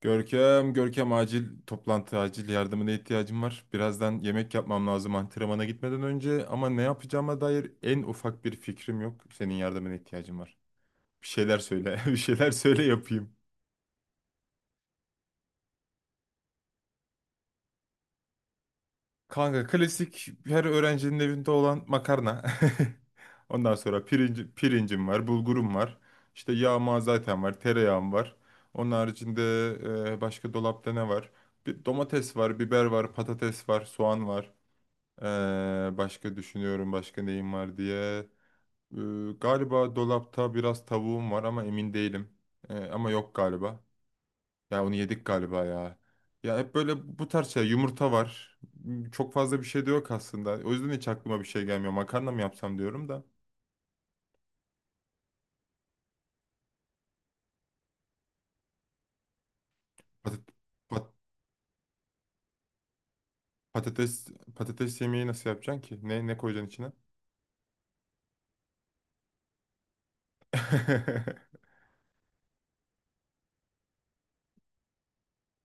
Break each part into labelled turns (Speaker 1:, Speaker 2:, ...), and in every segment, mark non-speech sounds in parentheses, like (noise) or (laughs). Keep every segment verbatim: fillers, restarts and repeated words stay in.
Speaker 1: Görkem, Görkem, acil toplantı, acil yardımına ihtiyacım var. Birazdan yemek yapmam lazım antrenmana gitmeden önce ama ne yapacağıma dair en ufak bir fikrim yok. Senin yardımına ihtiyacım var. Bir şeyler söyle, (laughs) bir şeyler söyle yapayım. Kanka klasik her öğrencinin evinde olan makarna. (laughs) Ondan sonra pirinci, pirincim var, bulgurum var. İşte yağma zaten var, tereyağım var. Onun haricinde e, başka dolapta ne var? Bir domates var, biber var, patates var, soğan var. Ee, başka düşünüyorum başka neyim var diye. Ee, galiba dolapta biraz tavuğum var ama emin değilim. Ee, ama yok galiba. Ya onu yedik galiba ya. Ya hep böyle bu tarz şey yumurta var. Hmm, Çok fazla bir şey de yok aslında. O yüzden hiç aklıma bir şey gelmiyor. Makarna mı yapsam diyorum da. Patat- pat- patates patates yemeği nasıl yapacaksın ki? Ne ne koyacaksın içine? (laughs)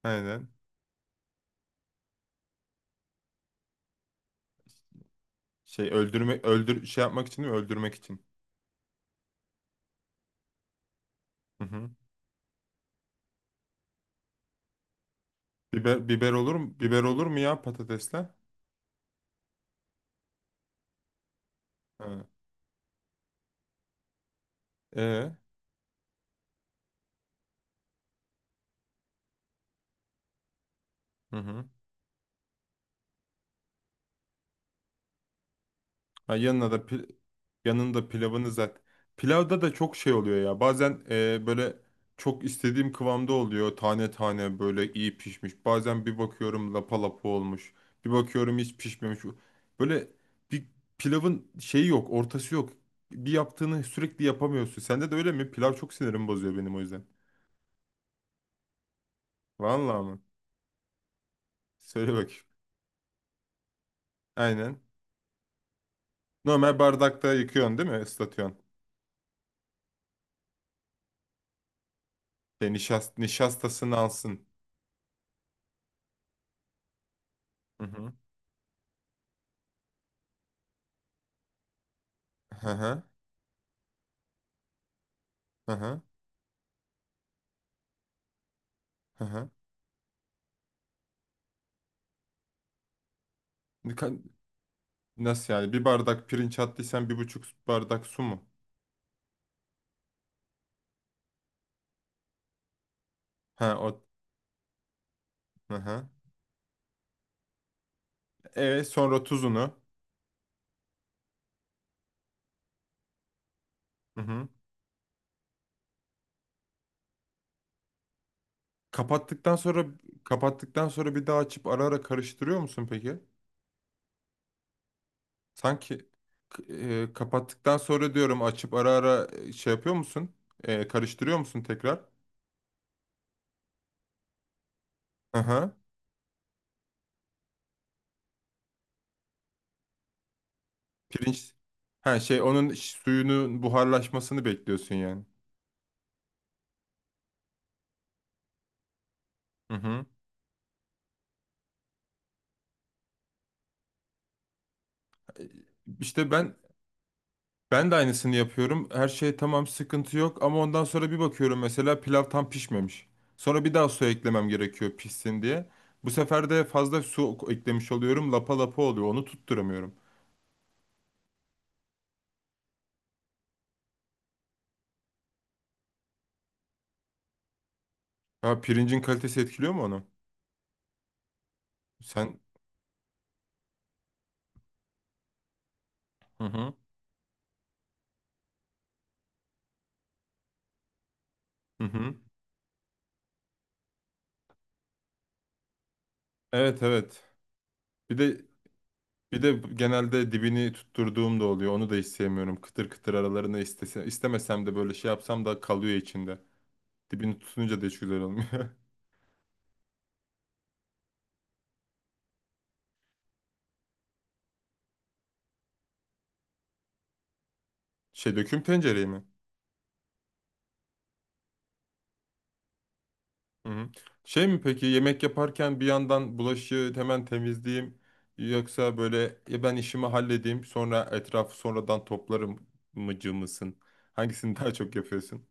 Speaker 1: Aynen. Şey öldürmek öldür şey yapmak için mi? Öldürmek için. Hı hı. Biber, biber olur mu? Biber olur mu ya patatesle? Ha. Ee, hı hı. Ha, yanına da pil- yanında pilavını zaten. Pilavda da çok şey oluyor ya. Bazen e, böyle çok istediğim kıvamda oluyor. Tane tane böyle iyi pişmiş. Bazen bir bakıyorum lapa lapa olmuş. Bir bakıyorum hiç pişmemiş. Böyle bir pilavın şeyi yok, ortası yok. Bir yaptığını sürekli yapamıyorsun. Sende de öyle mi? Pilav çok sinirimi bozuyor benim o yüzden. Vallahi mı? Söyle bakayım. Aynen. Normal bardakta yıkıyorsun değil mi? Islatıyorsun. Şey, nişast nişastasını alsın. Hı hı. Hı hı. Hı hı. Hı hı. Ne ka- Nasıl yani? Bir bardak pirinç attıysan bir buçuk bardak su mu? Ha o. Hı hı. E sonra tuzunu. Hı hı. Kapattıktan sonra kapattıktan sonra bir daha açıp ara ara karıştırıyor musun peki? Sanki k- e, kapattıktan sonra diyorum açıp ara ara e, şey yapıyor musun? E, karıştırıyor musun tekrar? Hı hı. Pirinç ha şey onun ş- suyunun buharlaşmasını bekliyorsun yani. Hı hı. İşte ben ben de aynısını yapıyorum. Her şey tamam sıkıntı yok ama ondan sonra bir bakıyorum mesela pilav tam pişmemiş. Sonra bir daha su eklemem gerekiyor pişsin diye. Bu sefer de fazla su eklemiş oluyorum. Lapa lapa oluyor. Onu tutturamıyorum. Ha pirincin kalitesi etkiliyor mu onu? Sen. Hı hı. Hı hı. Evet, evet. Bir de Bir de genelde dibini tutturduğum da oluyor. Onu da hiç sevmiyorum. Kıtır kıtır aralarına istese, istemesem de böyle şey yapsam da kalıyor içinde. Dibini tutunca da hiç güzel olmuyor. (laughs) Şey döküm tencereyi mi? Hı hı. Şey mi peki yemek yaparken bir yandan bulaşığı hemen temizleyeyim yoksa böyle ya ben işimi halledeyim sonra etrafı sonradan toplarım mıcı mısın? Hangisini (laughs) daha çok yapıyorsun?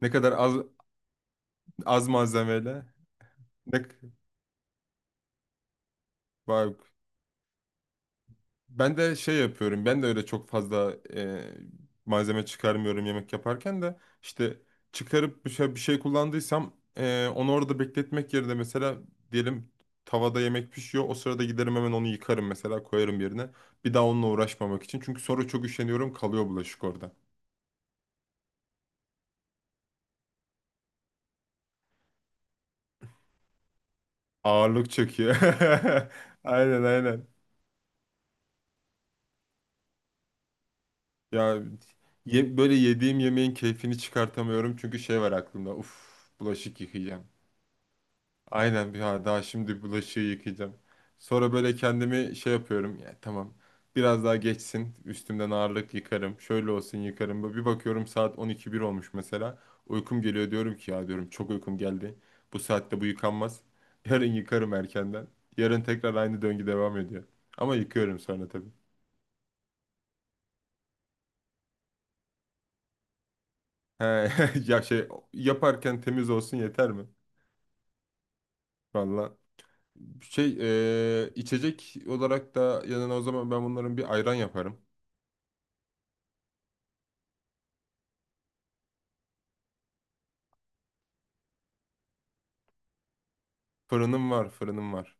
Speaker 1: Ne kadar az az malzemeyle ne, vay, Ben de şey yapıyorum. Ben de öyle çok fazla e, malzeme çıkarmıyorum yemek yaparken de işte çıkarıp bir şey, bir şey kullandıysam e, onu orada bekletmek yerine mesela diyelim tavada yemek pişiyor. O sırada giderim hemen onu yıkarım mesela koyarım yerine. Bir daha onunla uğraşmamak için. Çünkü sonra çok üşeniyorum kalıyor bulaşık orada. Ağırlık çekiyor. (laughs) Aynen, aynen. Ya ye- böyle yediğim yemeğin keyfini çıkartamıyorum çünkü şey var aklımda. Uf bulaşık yıkayacağım. Aynen bir ha, daha şimdi bulaşığı yıkayacağım. Sonra böyle kendimi şey yapıyorum. Ya tamam. Biraz daha geçsin. Üstümden ağırlık yıkarım. Şöyle olsun yıkarım. Böyle bir bakıyorum saat on iki bir olmuş mesela. Uykum geliyor diyorum ki ya diyorum çok uykum geldi. Bu saatte bu yıkanmaz. (laughs) Yarın yıkarım erkenden. Yarın tekrar aynı döngü devam ediyor. Ama yıkıyorum sonra tabii. He, (laughs) ya şey yaparken temiz olsun yeter mi? Valla şey eee, içecek olarak da yanına o zaman ben bunların bir ayran yaparım. Fırınım var, fırınım var.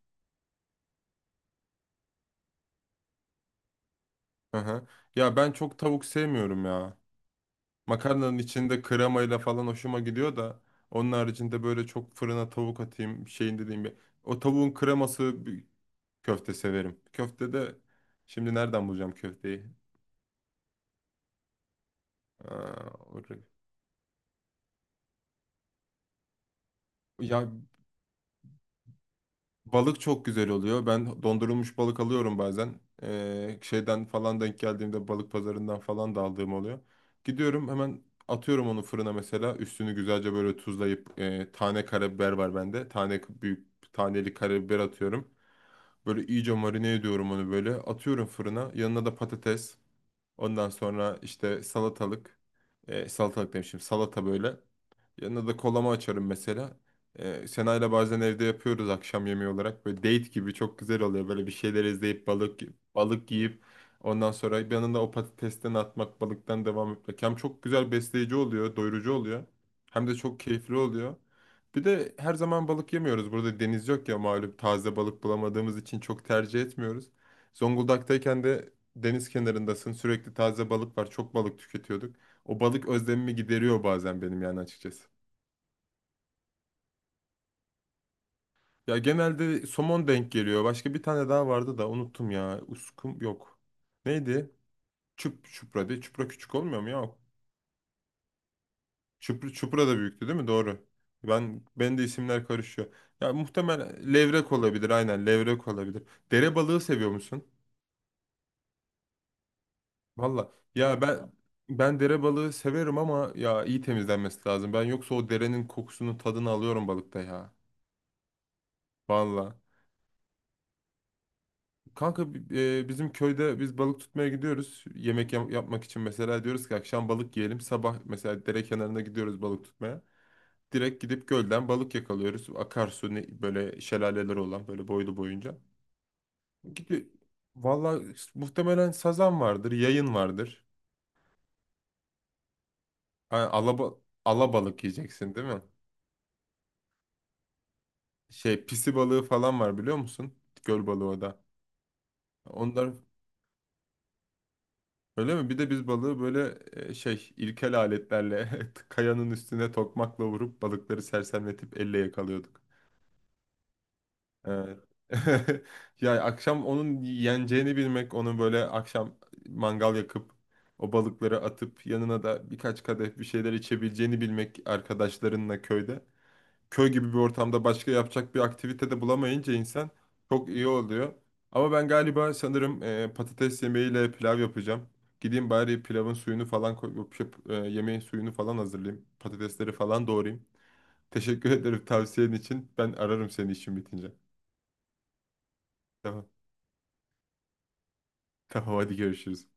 Speaker 1: Hı hı. Ya ben çok tavuk sevmiyorum ya. Makarnanın içinde kremayla falan hoşuma gidiyor da onun haricinde böyle çok fırına tavuk atayım şeyin dediğim bir. O tavuğun kreması bir köfte severim. Köfte de şimdi nereden bulacağım köfteyi? Aa, orada- ya balık çok güzel oluyor. Ben dondurulmuş balık alıyorum bazen. Ee, şeyden falan denk geldiğimde balık pazarından falan da aldığım oluyor. Gidiyorum hemen atıyorum onu fırına mesela. Üstünü güzelce böyle tuzlayıp e, tane karabiber var bende. Tane büyük taneli karabiber atıyorum. Böyle iyice marine ediyorum onu böyle. Atıyorum fırına. Yanına da patates. Ondan sonra işte salatalık. E, salatalık demişim. Salata böyle. Yanına da kolama açarım mesela. Ee, Sena'yla bazen evde yapıyoruz akşam yemeği olarak. Böyle date gibi çok güzel oluyor. Böyle bir şeyler izleyip balık balık yiyip ondan sonra yanında o patatesten atmak, balıktan devam etmek. Hem çok güzel besleyici oluyor, doyurucu oluyor. Hem de çok keyifli oluyor. Bir de her zaman balık yemiyoruz. Burada deniz yok ya malum taze balık bulamadığımız için çok tercih etmiyoruz. Zonguldak'tayken de deniz kenarındasın. Sürekli taze balık var. Çok balık tüketiyorduk. O balık özlemimi gideriyor bazen benim yani açıkçası. Ya genelde somon denk geliyor. Başka bir tane daha vardı da unuttum ya. Uskum yok. Neydi? Çup, çupra değil. Çupra küçük olmuyor mu ya? Çupra, çupra da büyüktü değil mi? Doğru. Ben ben de isimler karışıyor. Ya muhtemelen levrek olabilir. Aynen levrek olabilir. Dere balığı seviyor musun? Valla. Ya ben ben dere balığı severim ama ya iyi temizlenmesi lazım. Ben yoksa o derenin kokusunu tadını alıyorum balıkta ya. Valla. Kanka bi- e, bizim köyde biz balık tutmaya gidiyoruz. Yemek yap- yapmak için mesela diyoruz ki akşam balık yiyelim. Sabah mesela dere kenarına gidiyoruz balık tutmaya. Direkt gidip gölden balık yakalıyoruz. Akarsu ne, böyle şelaleler olan böyle boylu boyunca. Gidiyor. Valla muhtemelen sazan vardır, yayın vardır. Yani alaba, alabalık yiyeceksin değil mi? Şey pisi balığı falan var biliyor musun? Göl balığı o da. Onlar öyle mi? Bir de biz balığı böyle e, şey ilkel aletlerle (laughs) kayanın üstüne tokmakla vurup balıkları sersemletip elle yakalıyorduk. Evet. (laughs) Ya akşam onun yeneceğini bilmek, onu böyle akşam mangal yakıp o balıkları atıp yanına da birkaç kadeh bir şeyler içebileceğini bilmek arkadaşlarınla köyde köy gibi bir ortamda başka yapacak bir aktivite de bulamayınca insan çok iyi oluyor. Ama ben galiba sanırım e, patates yemeğiyle pilav yapacağım. Gideyim bari pilavın suyunu falan koyup yap- e, yemeğin suyunu falan hazırlayayım. Patatesleri falan doğrayayım. Teşekkür (laughs) ederim tavsiyen için. Ben ararım seni işim bitince. Tamam. Tamam, hadi görüşürüz.